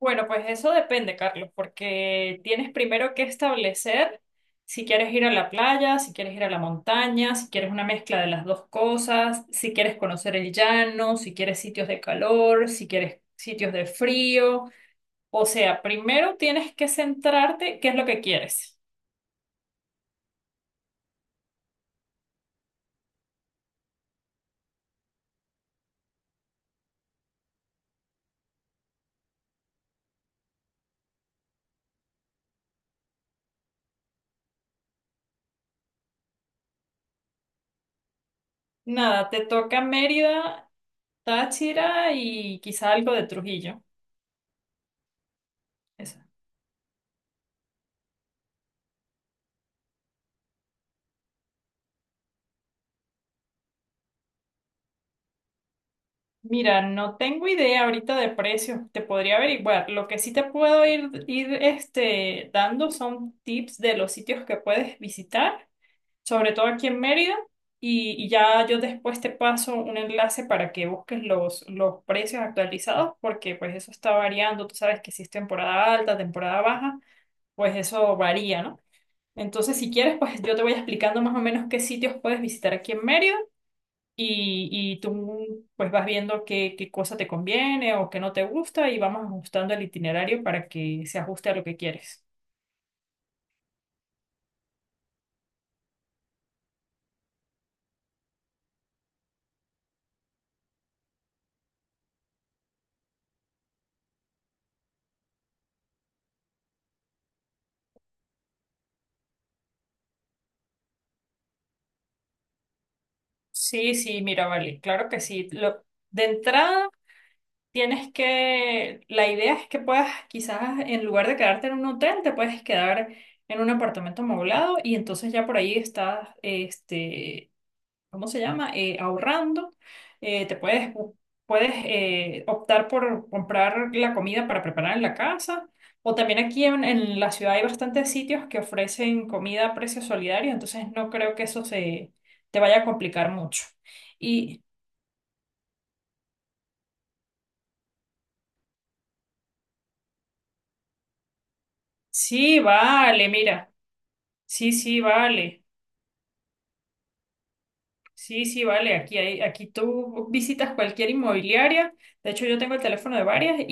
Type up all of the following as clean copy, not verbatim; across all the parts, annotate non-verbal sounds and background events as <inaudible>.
Bueno, pues eso depende, Carlos, porque tienes primero que establecer si quieres ir a la playa, si quieres ir a la montaña, si quieres una mezcla de las dos cosas, si quieres conocer el llano, si quieres sitios de calor, si quieres sitios de frío. O sea, primero tienes que centrarte qué es lo que quieres. Nada, te toca Mérida, Táchira y quizá algo de Trujillo. Mira, no tengo idea ahorita de precios, te podría averiguar. Lo que sí te puedo ir dando son tips de los sitios que puedes visitar, sobre todo aquí en Mérida, y ya yo después te paso un enlace para que busques los precios actualizados, porque pues eso está variando, tú sabes que si es temporada alta, temporada baja, pues eso varía, ¿no? Entonces, si quieres, pues yo te voy explicando más o menos qué sitios puedes visitar aquí en Mérida y, y tú pues vas viendo qué cosa te conviene o qué no te gusta y vamos ajustando el itinerario para que se ajuste a lo que quieres. Sí, sí, mira, vale, claro que sí. De entrada, la idea es que puedas quizás en lugar de quedarte en un hotel, te puedes quedar en un apartamento amoblado y entonces ya por ahí estás, ¿cómo se llama? Ahorrando. Eh, te puedes, bu- puedes optar por comprar la comida para preparar en la casa. O también aquí en la ciudad hay bastantes sitios que ofrecen comida a precio solidario, entonces no creo que eso se te vaya a complicar mucho. Y sí, vale, mira, sí, sí, vale. Sí, sí, vale. Aquí tú visitas cualquier inmobiliaria. De hecho, yo tengo el teléfono de varias y,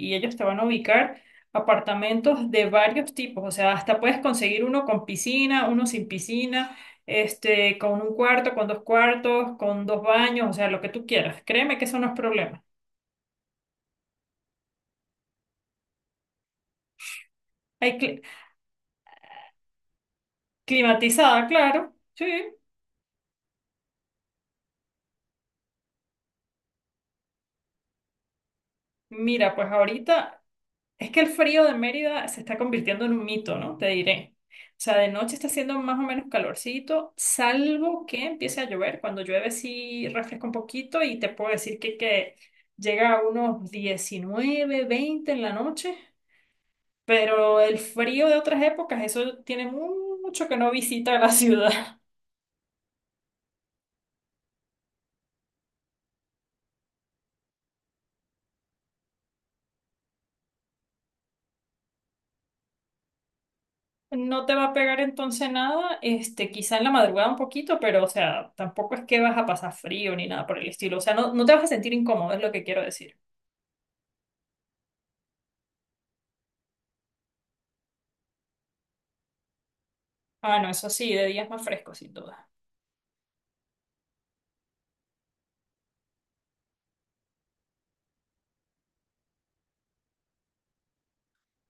y ellos te van a ubicar apartamentos de varios tipos. O sea, hasta puedes conseguir uno con piscina, uno sin piscina, con un cuarto, con dos cuartos, con dos baños, o sea, lo que tú quieras. Créeme que eso no es problema. Hay cli- climatizada, claro. Sí. Mira, pues ahorita es que el frío de Mérida se está convirtiendo en un mito, ¿no? Te diré. O sea, de noche está haciendo más o menos calorcito, salvo que empiece a llover. Cuando llueve sí refresca un poquito y te puedo decir que llega a unos 19, 20 en la noche, pero el frío de otras épocas, eso tiene mucho que no visita la <laughs> ciudad. No te va a pegar entonces nada, quizá en la madrugada un poquito, pero o sea, tampoco es que vas a pasar frío ni nada por el estilo. O sea, no, no te vas a sentir incómodo, es lo que quiero decir. Ah, no, eso sí, de días más frescos, sin duda.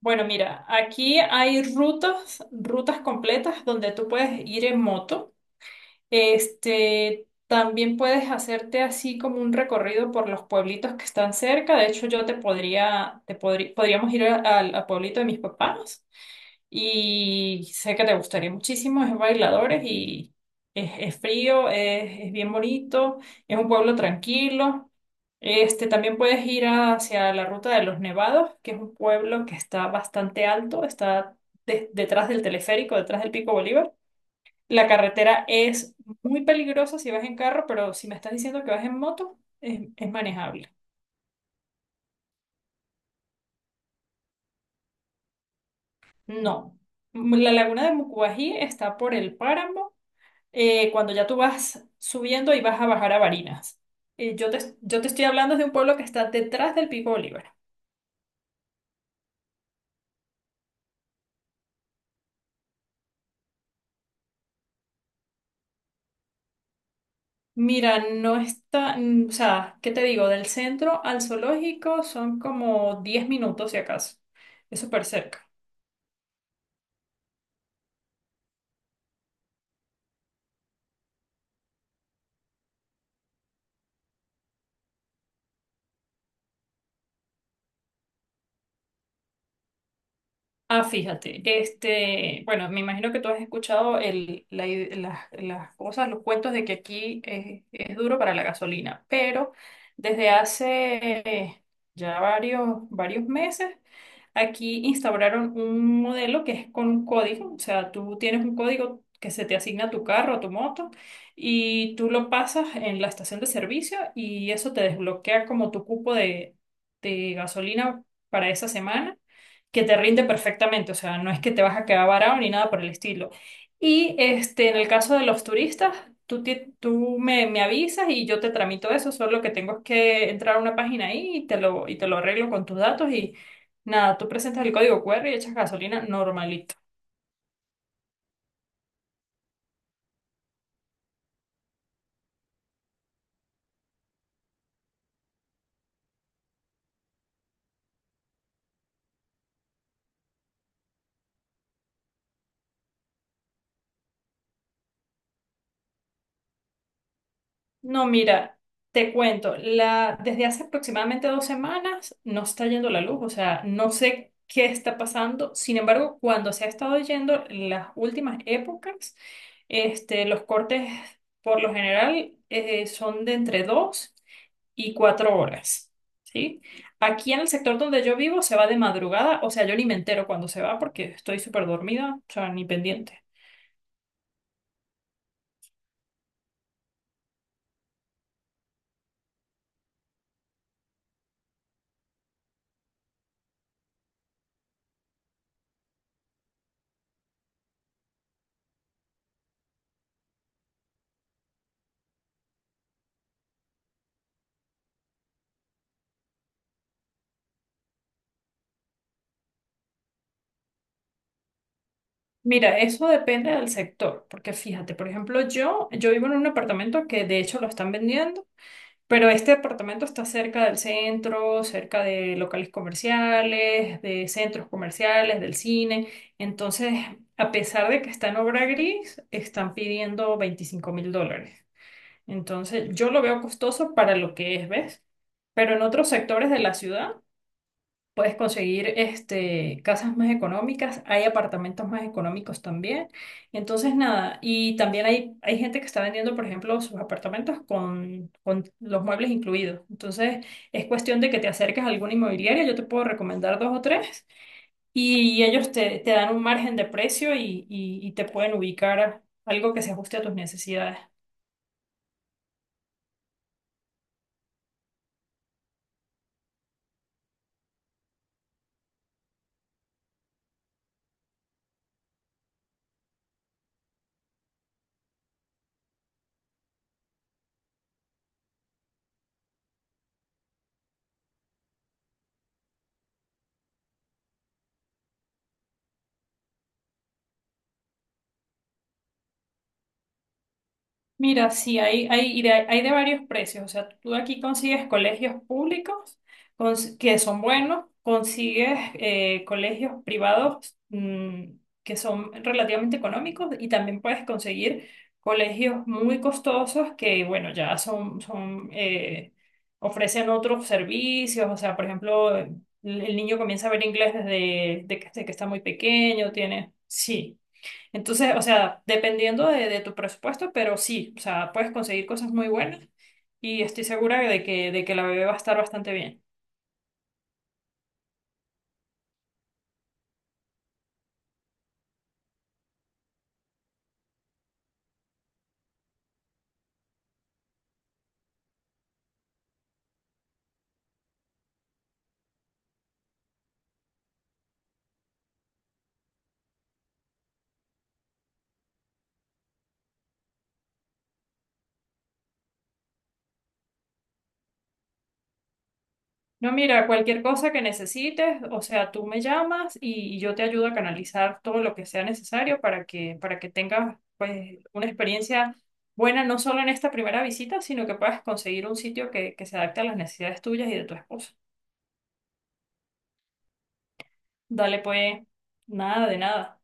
Bueno, mira, aquí hay rutas, rutas completas donde tú puedes ir en moto. También puedes hacerte así como un recorrido por los pueblitos que están cerca. De hecho, yo te podría, te podrí- podríamos ir al pueblito de mis papás. Y sé que te gustaría muchísimo, es en Bailadores y es frío, es bien bonito, es un pueblo tranquilo. También puedes ir hacia la Ruta de los Nevados, que es un pueblo que está bastante alto, está detrás del teleférico, detrás del Pico Bolívar. La carretera es muy peligrosa si vas en carro, pero si me estás diciendo que vas en moto, es manejable. No. La laguna de Mucubají está por el páramo cuando ya tú vas subiendo y vas a bajar a Barinas. Yo te estoy hablando de un pueblo que está detrás del Pico Bolívar. Mira, no está, o sea, ¿qué te digo? Del centro al zoológico son como 10 minutos si acaso. Es súper cerca. Ah, fíjate, bueno, me imagino que tú has escuchado el, la i- las cosas, los cuentos de que aquí es duro para la gasolina, pero desde hace eh, ya varios, varios meses, aquí instauraron un modelo que es con un código, o sea, tú tienes un código que se te asigna a tu carro, a tu moto, y tú lo pasas en la estación de servicio y eso te desbloquea como tu cupo de gasolina para esa semana que te rinde perfectamente, o sea, no es que te vas a quedar varado ni nada por el estilo. Y en el caso de los turistas, tú me avisas y yo te tramito eso, solo que tengo es que entrar a una página ahí y te lo arreglo con tus datos y nada, tú presentas el código QR y echas gasolina normalito. No, mira, te cuento, desde hace aproximadamente 2 semanas no está yendo la luz, o sea, no sé qué está pasando. Sin embargo, cuando se ha estado yendo en las últimas épocas, los cortes por lo general son de entre 2 y 4 horas, ¿sí? Aquí en el sector donde yo vivo se va de madrugada, o sea, yo ni me entero cuando se va porque estoy súper dormida, o sea, ni pendiente. Mira, eso depende del sector, porque fíjate, por ejemplo, yo vivo en un apartamento que de hecho lo están vendiendo, pero este apartamento está cerca del centro, cerca de locales comerciales, de centros comerciales, del cine. Entonces, a pesar de que está en obra gris, están pidiendo $25.000. Entonces, yo lo veo costoso para lo que es, ¿ves? Pero en otros sectores de la ciudad. Puedes conseguir casas más económicas, hay apartamentos más económicos también. Entonces, nada, y también hay gente que está vendiendo, por ejemplo, sus apartamentos con los muebles incluidos. Entonces, es cuestión de que te acerques a alguna inmobiliaria, yo te puedo recomendar dos o tres, y ellos te dan un margen de precio y te pueden ubicar algo que se ajuste a tus necesidades. Mira, sí, hay de varios precios. O sea, tú aquí consigues colegios públicos que son buenos, consigues colegios privados que son relativamente económicos y también puedes conseguir colegios muy costosos que, bueno, ya son ofrecen otros servicios. O sea, por ejemplo, el niño comienza a ver inglés desde de que está muy pequeño, tiene... Sí. Entonces, o sea, dependiendo de tu presupuesto, pero sí, o sea, puedes conseguir cosas muy buenas y estoy segura de que, la bebé va a estar bastante bien. No, mira, cualquier cosa que necesites, o sea, tú me llamas y yo te ayudo a canalizar todo lo que sea necesario para que tengas, pues, una experiencia buena, no solo en esta primera visita, sino que puedas conseguir un sitio que se adapte a las necesidades tuyas y de tu esposo. Dale, pues, nada de nada.